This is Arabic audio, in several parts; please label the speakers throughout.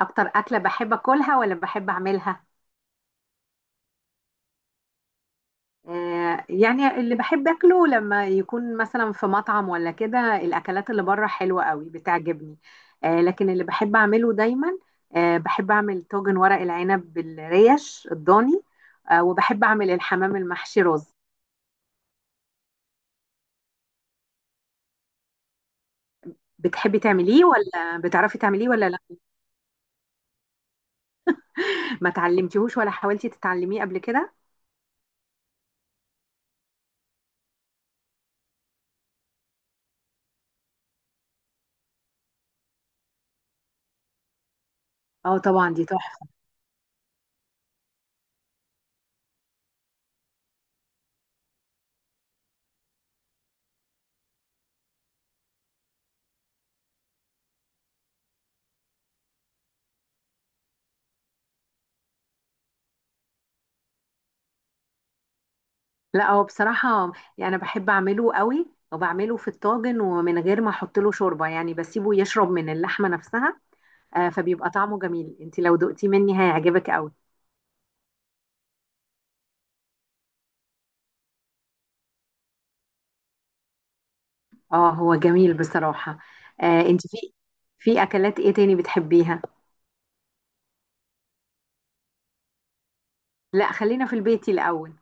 Speaker 1: اكتر اكله بحب اكلها ولا بحب اعملها؟ آه، يعني اللي بحب اكله لما يكون مثلا في مطعم ولا كده، الاكلات اللي بره حلوه قوي بتعجبني. آه، لكن اللي بحب اعمله دايما، آه، بحب اعمل طاجن ورق العنب بالريش الضاني. آه، وبحب اعمل الحمام المحشي رز. بتحبي تعمليه ولا بتعرفي تعمليه ولا لا؟ ما تعلمتيهوش ولا حاولتي تتعلميه قبل كده؟ اه، طبعا دي تحفه. لا، هو بصراحة، يعني أنا بحب أعمله قوي، وبعمله في الطاجن ومن غير ما أحط له شوربة، يعني بسيبه يشرب من اللحمة نفسها. آه، فبيبقى طعمه جميل. أنت لو دقتي مني هيعجبك قوي. اه، هو جميل بصراحة. آه، أنت في أكلات إيه تاني بتحبيها؟ لا، خلينا في البيت الأول.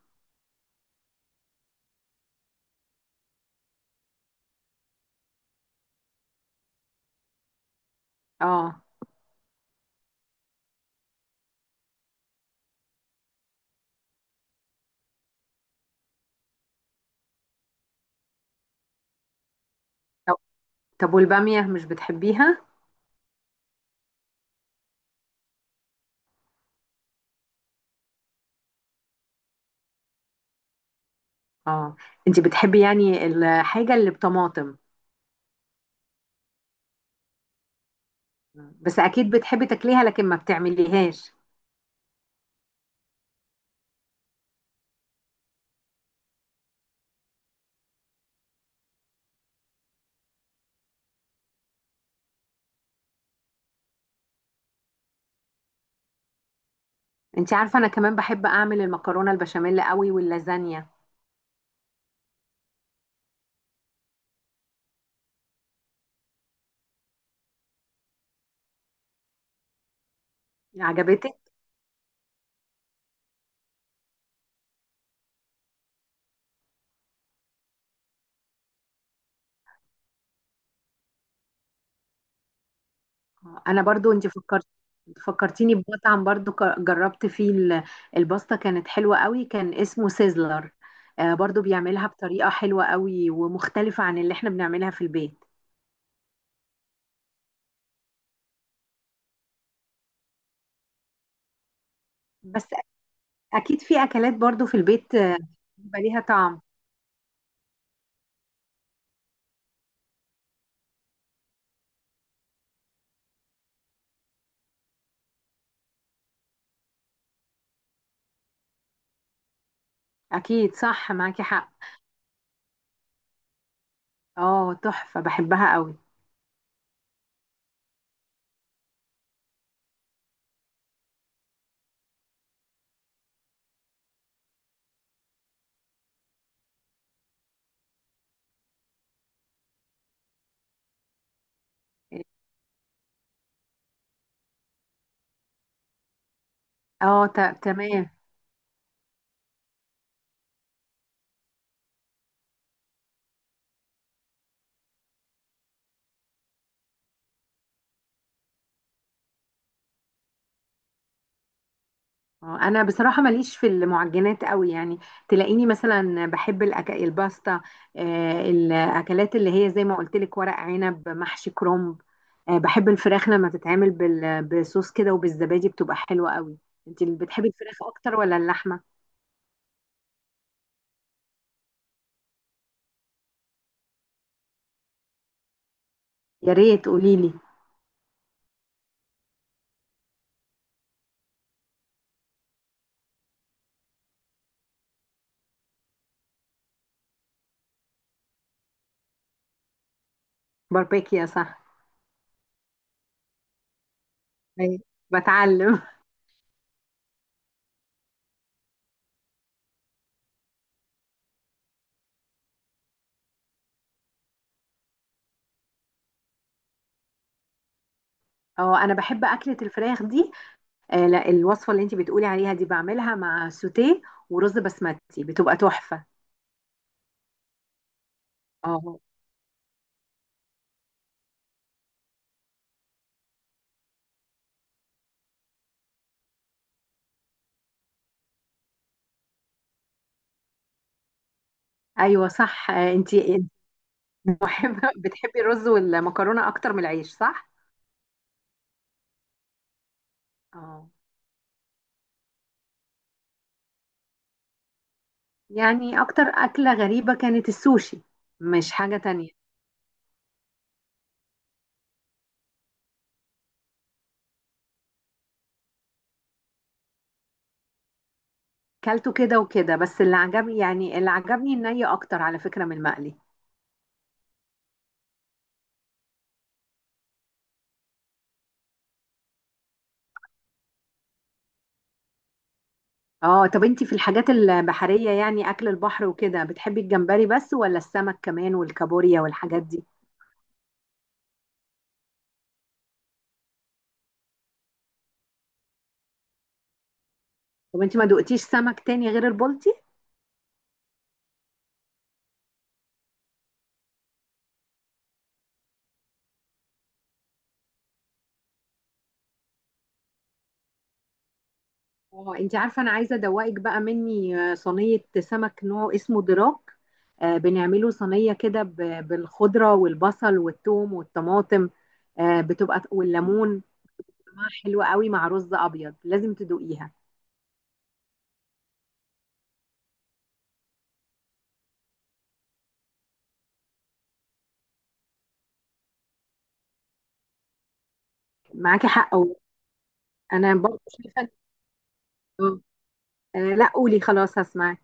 Speaker 1: اه، طب طب والبامية مش بتحبيها؟ اه، أنت بتحبي يعني الحاجة اللي بطماطم. بس أكيد بتحبي تاكليها لكن ما بتعمليهاش. انت عارفه، انا كمان بحب اعمل المكرونه البشاميل قوي واللازانيا. عجبتك؟ انا برضو انت فكرت، فكرتيني بمطعم برضو، جربت فيه الباستا، كانت حلوه قوي، كان اسمه سيزلر. آه، برضو بيعملها بطريقه حلوه قوي ومختلفه عن اللي احنا بنعملها في البيت. بس اكيد في اكلات برضو في البيت آه، بيبقى ليها طعم. اكيد صح، معاكي حق. اه، تحفه بحبها قوي. اه، تمام. اه، انا بصراحه ماليش في المعجنات قوي يعني. تلاقيني مثلا بحب الباستا. آه، الاكلات اللي هي زي ما قلت لك، ورق عنب، محشي كرنب. آه، بحب الفراخ لما تتعمل بصوص كده وبالزبادي، بتبقى حلوه قوي. انت اللي بتحبي الفراخ اكتر ولا اللحمه؟ يا ريت قولي لي. باربيكيا صح. أيوة. بتعلم اه، انا بحب اكله الفراخ دي. آه، لا، الوصفه اللي انت بتقولي عليها دي بعملها مع سوتيه ورز بسمتي، بتبقى تحفه. اه، ايوه صح. آه، انتي محبة بتحبي الرز والمكرونة أكتر من العيش صح؟ اه، يعني أكتر أكلة غريبة كانت السوشي، مش حاجة تانية. كلته كده وكده، بس اللي عجبني يعني اللي عجبني الني أكتر على فكرة من المقلي. اه، طب انتي في الحاجات البحرية، يعني أكل البحر وكده، بتحبي الجمبري بس ولا السمك كمان والكابوريا والحاجات دي؟ طب انتي ما دقتيش سمك تاني غير البلطي؟ اه، انت عارفه انا عايزه ادوقك بقى مني صينيه سمك نوع اسمه دراك. آه، بنعمله صينيه كده بالخضره والبصل والثوم والطماطم. آه، بتبقى والليمون، طعمها حلو قوي مع رز ابيض. لازم تدوقيها. معاكي حق أوي. انا برضه شايفه. آه، آه، لا، قولي خلاص هسمعك.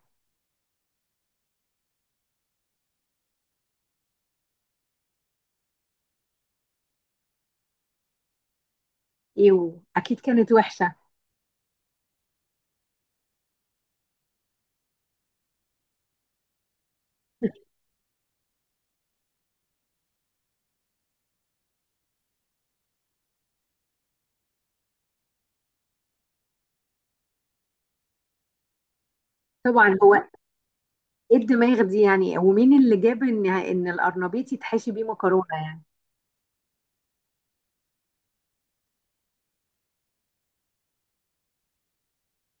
Speaker 1: ايه، واكيد كانت وحشه. طبعا هو، ايه الدماغ دي يعني؟ ومين اللي جاب ان القرنبيط يتحشي بيه مكرونه يعني؟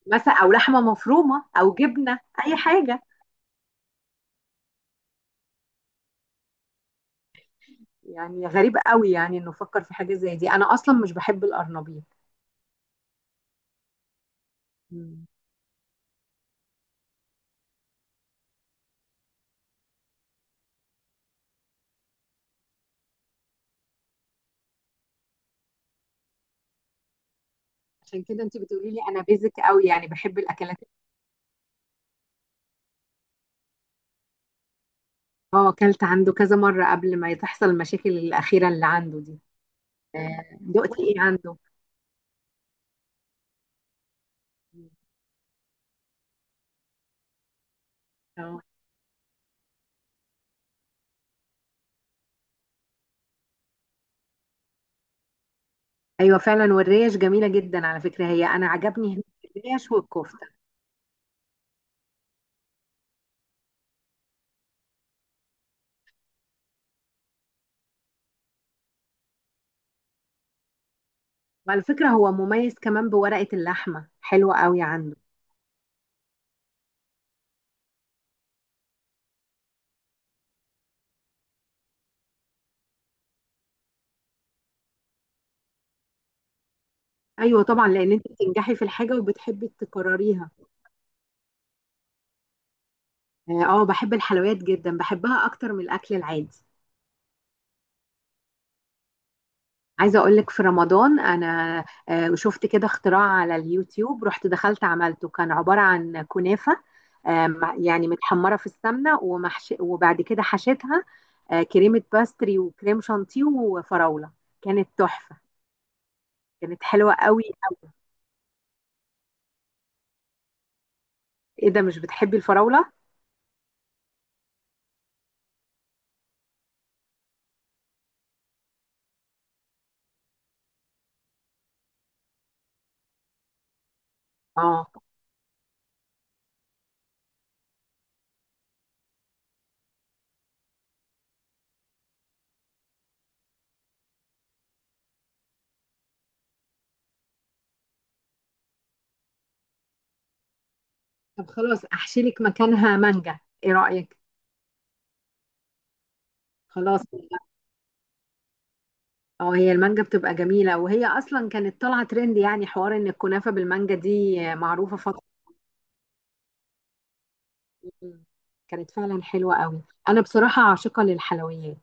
Speaker 1: مثلا او لحمه مفرومه او جبنه، اي حاجه. يعني غريب قوي يعني انه فكر في حاجه زي دي. انا اصلا مش بحب القرنبيط. مم. عشان كده انت بتقولي لي انا بيزك قوي يعني بحب الاكلات. اه، اكلت عنده كذا مره قبل ما تحصل المشاكل الاخيره اللي عنده دي. آه، دقتي ايه عنده؟ آه. ايوه فعلا، والريش جميله جدا على فكره. هي انا عجبني هناك الريش والكفته. وعلى فكره هو مميز كمان، بورقه اللحمه حلوه قوي عنده. ايوه طبعا، لان انت بتنجحي في الحاجه وبتحبي تكرريها. اه، آه، بحب الحلويات جدا، بحبها اكتر من الاكل العادي. عايزة أقول لك، في رمضان أنا شفت كده اختراع على اليوتيوب، رحت دخلت عملته. كان عبارة عن كنافة يعني متحمرة في السمنة ومحش، وبعد كده حشيتها كريمة باستري وكريم شانتيه وفراولة. كانت تحفة. كانت حلوة قوي قوي. إيه ده، مش بتحبي الفراولة؟ آه، طب خلاص أحشي لك مكانها مانجا، إيه رأيك؟ خلاص. اه، هي المانجا بتبقى جميلة، وهي أصلا كانت طالعة ترند يعني، حوار إن الكنافة بالمانجا دي معروفة فترة. مم. كانت فعلا حلوة قوي. أنا بصراحة عاشقة للحلويات.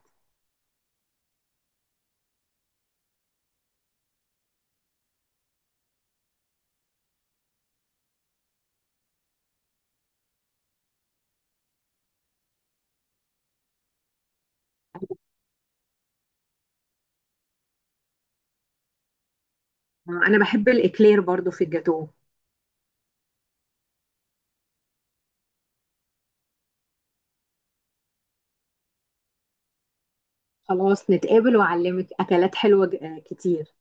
Speaker 1: أنا بحب الإكلير برضو في الجاتو. خلاص نتقابل وأعلمك أكلات حلوة كتير.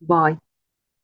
Speaker 1: باي.